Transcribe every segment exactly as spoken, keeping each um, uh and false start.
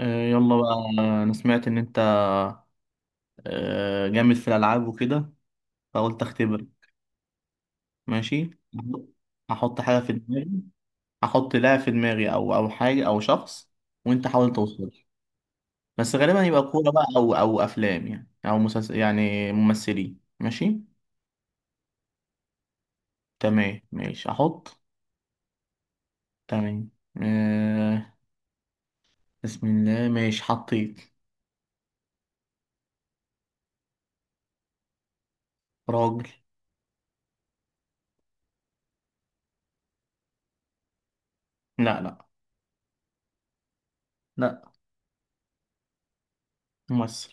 آه، يلا بقى. انا سمعت ان انت آه، جامد في الالعاب وكده، فقلت اختبر. ماشي. هحط حاجه في دماغي. هحط لاعب في دماغي او او حاجه او شخص، وانت حاول توصل. بس غالبا يبقى كوره بقى او او افلام، يعني او مسلسل، يعني ممثلين. ماشي. تمام، ماشي، احط. تمام. آه، بسم الله، ماشي، حطيت. راجل. لا، لا، لا. ممثل.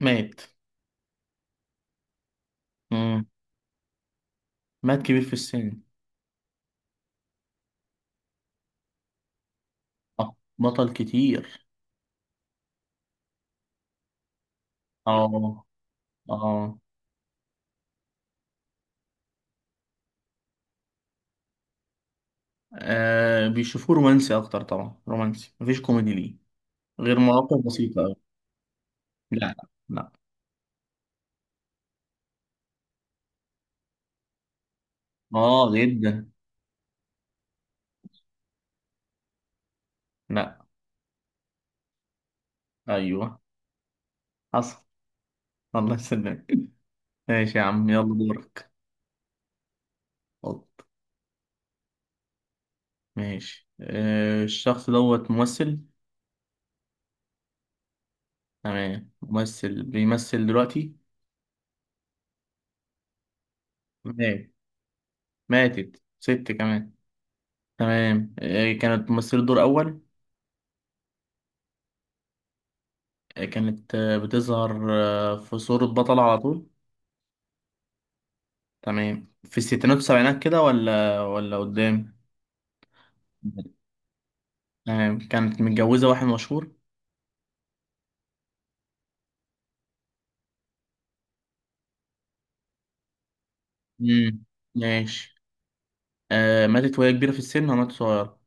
مات. مم. مات كبير في السن. آه، بطل كتير. اه، اه. آه، بيشوفوه رومانسي اكتر، طبعا رومانسي، مفيش كوميدي ليه غير مواقف بسيطة أوي. لا، لا. اه، جدا. لا. ايوه، حصل. الله يسلمك. ماشي يا عم، يلا دورك. اتفضل. ماشي. آه الشخص دوت ممثل. تمام، ممثل بيمثل دلوقتي؟ مات. ماتت ست كمان. تمام، آه كانت ممثلة دور أول. آه كانت آه بتظهر آه في صورة بطلة على طول. تمام، في الستينات والسبعينات كده ولا ولا قدام؟ تمام، كانت متجوزة واحد مشهور. امم. ماشي. آه ماتت وهي كبيرة في السن، وماتت صغيرة.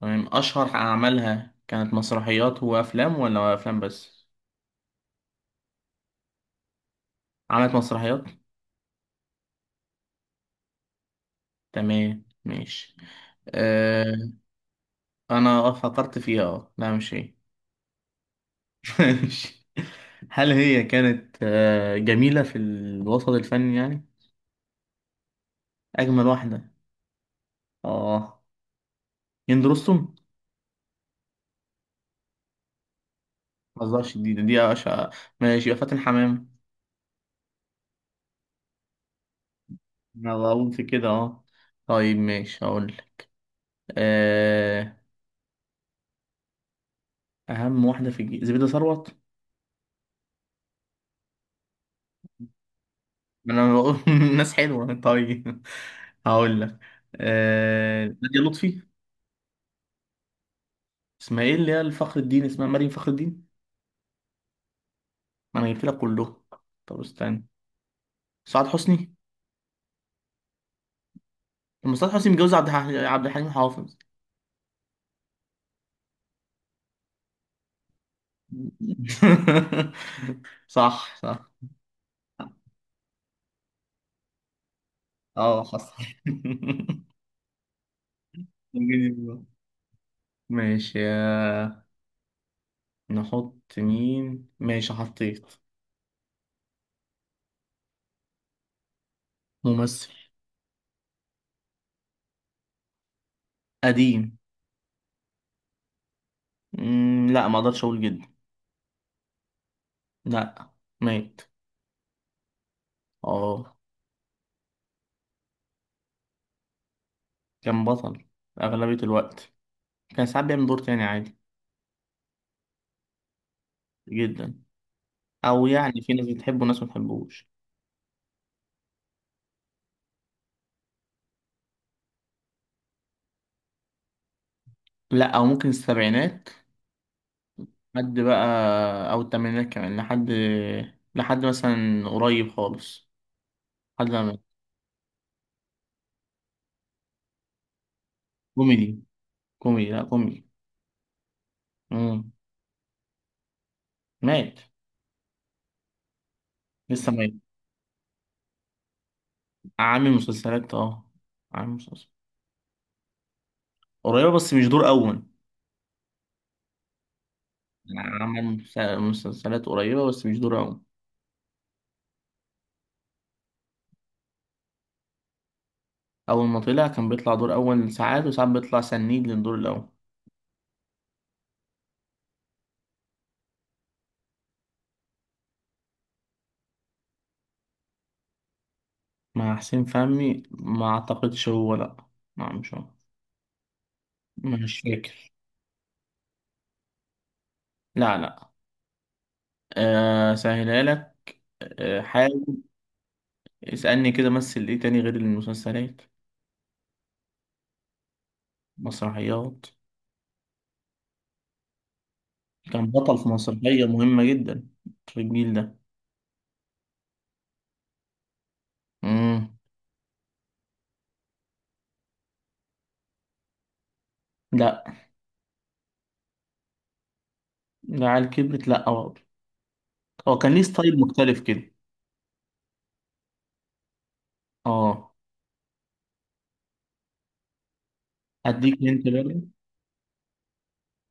تمام، أشهر أعمالها كانت مسرحيات وأفلام ولا أفلام بس؟ عملت مسرحيات. تمام، ماشي. آه أنا آه، فكرت فيها. أه لا، مش هي. ماشي. هل هي كانت آه جميلة في الوسط الفني يعني؟ أجمل واحدة. أه. هند رستم. ما تهزرش، دي دي أشقى. ماشي، يبقى فاتن حمام. أنا بقول في كده أه. طيب، ماشي، هقول لك. آه، أهم واحدة في الجي- زبيدة ثروت. أنا بقول ناس حلوة. طيب، هقول لك. آه، نادية لطفي. اسمها إيه اللي هي الفخر الدين؟ اسمها مريم فخر الدين. ما أنا جبت لك كله. طب استنى. سعاد حسني. طب ما سعاد حسني متجوز عبد الح- عبد الحليم حافظ. صح، صح. اه، حصل. ماشي يا. نحط مين؟ ماشي، حطيت. ممثل. قديم. مم لا، ما اقدرش اقول جدا. لا. ميت. اه. كان بطل اغلبية الوقت. كان ساعات بيعمل دور تاني عادي. جدا. او يعني في ناس بتحبه وناس ما بتحبوش. لا، او ممكن السبعينات. لحد بقى. او الثمانينات كمان لحد. لحد مثلا قريب خالص. لحد ما مات. كوميدي، كوميدي، لا كوميدي. مم. مات. لسه ميت. عامل مسلسلات اه. عامل مسلسلات قريبة بس مش دور أول. يعني عامل مس- مسلسلات قريبة بس مش دور أول. أول ما طلع كان بيطلع دور أول، ساعات وساعات بيطلع سنيد للدور الأول. مع حسين فهمي؟ ما أعتقدش هو، لأ. لا، مش هو. مش فاكر. لا، لا، أه سهلها لك. أه، حاول. اسألني كده، مثل إيه تاني غير المسلسلات؟ مسرحيات. كان بطل في مسرحية مهمة جدا في الجيل ده. مم. لا. ده على كبرت، لا. هو كان ليه ستايل مختلف كده. اه. هديك انت بقى.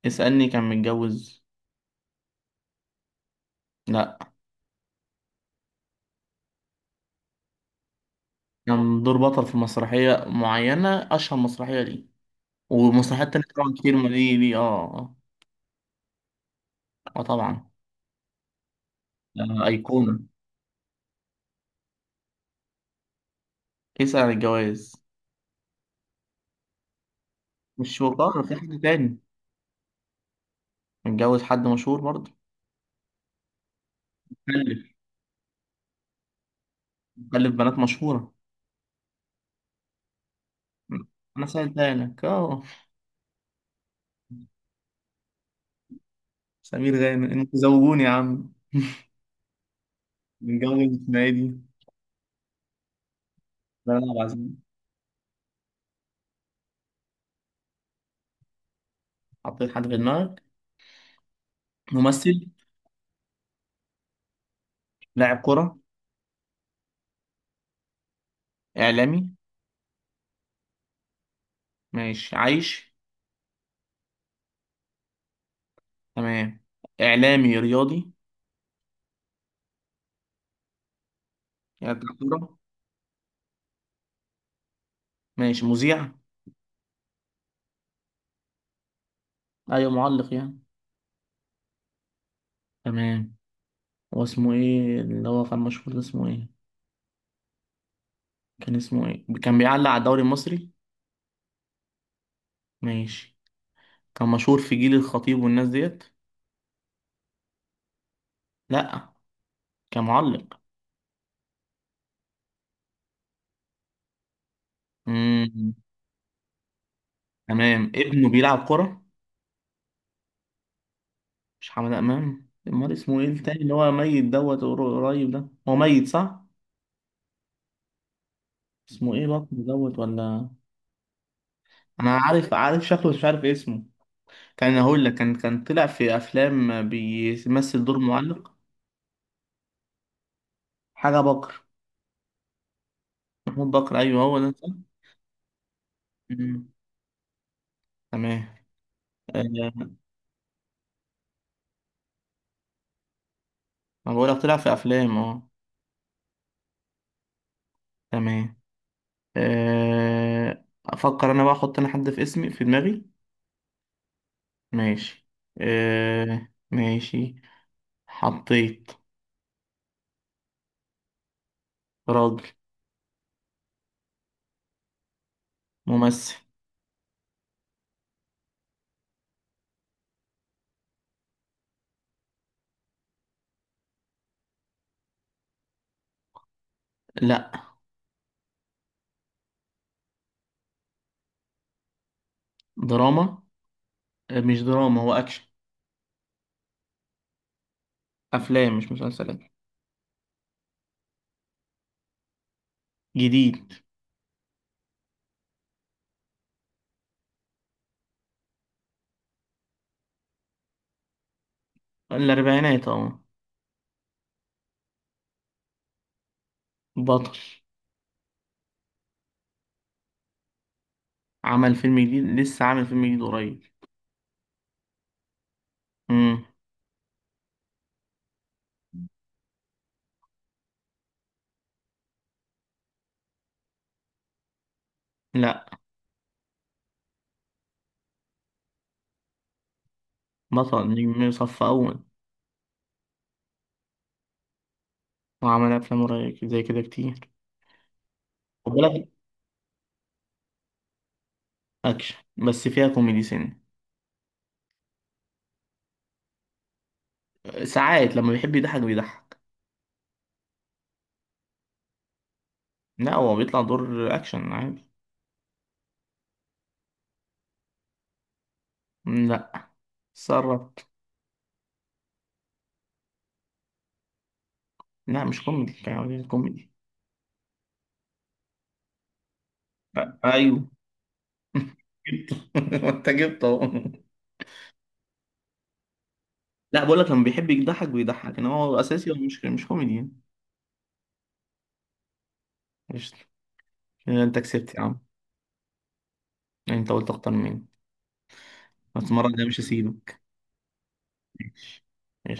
اسألني كان متجوز. لا. كان دور بطل في مسرحية معينة، أشهر مسرحية ليه، ومسرحيات تانية طبعا كتير ما ليه ليه اه. اه، آه طبعا. آه أيقونة. اسأل عن الجواز. مش شرطة في حد تاني. متجوز حد مشهور برضه. مخلف. مخلف بنات مشهورة. أنا سألتها لك اه. سمير غانم، انتوا زوجوني يا عم. متجوز اسمها ايه دي؟ لا، لا، عظيم. حطيت حد في دماغك. ممثل. لاعب كرة. إعلامي. ماشي، عايش. تمام. إعلامي رياضي. يعني بتاع كورة. ماشي، مذيع. أيوة معلق يعني. تمام. هو اسمه إيه اللي هو كان مشهور ده، اسمه إيه؟ كان اسمه إيه، كان بيعلق على الدوري المصري. ماشي. كان مشهور في جيل الخطيب والناس ديت. لأ. كان معلق. مم. تمام، ابنه بيلعب كورة. مش حمد أمام، أمال اسمه إيه التاني اللي هو ميت دوت قر- قريب ده، هو ميت صح؟ اسمه إيه، بطل دوت ولا؟ أنا عارف، عارف شكله، بس مش عارف اسمه. كان هقول لك، كان كان طلع في افلام بيمثل دور معلق. حاجه بكر. محمود بكر، ايوه هو ده صح. مم. تمام، آه، ما بقول لك طلع في افلام اه. تمام. آه، افكر انا بقى، احط انا حد في اسمي في دماغي. ماشي. آه، ماشي. حطيت. راجل. ممثل. لا. دراما. آه، مش دراما، هو اكشن. افلام مش مسلسلات. جديد. الاربعينات اه. بطل. عمل فيلم جديد، لسه عامل فيلم جديد قريب. امم. لا. بطل نجم صف اول. وعمل افلام قريب زي كده كتير. خد بالك. اكشن بس فيها كوميدي سن. ساعات لما بيحب يضحك بيضحك. لا، هو بيطلع دور اكشن عادي. مم، لا. سرت. لا، مش كوميدي كان عاوزين كوميدي. أ- ايوه. جبته. انت جبته أهو. لا بقول لك لما بيحب يضحك بيضحك، ان هو اساسي، هو مش مش كوميدي يعني. قشطة. كده انت كسبت يا عم. انت قلت اكتر مني. بس المره الجايه مش هسيبك. ماشي. ماشي.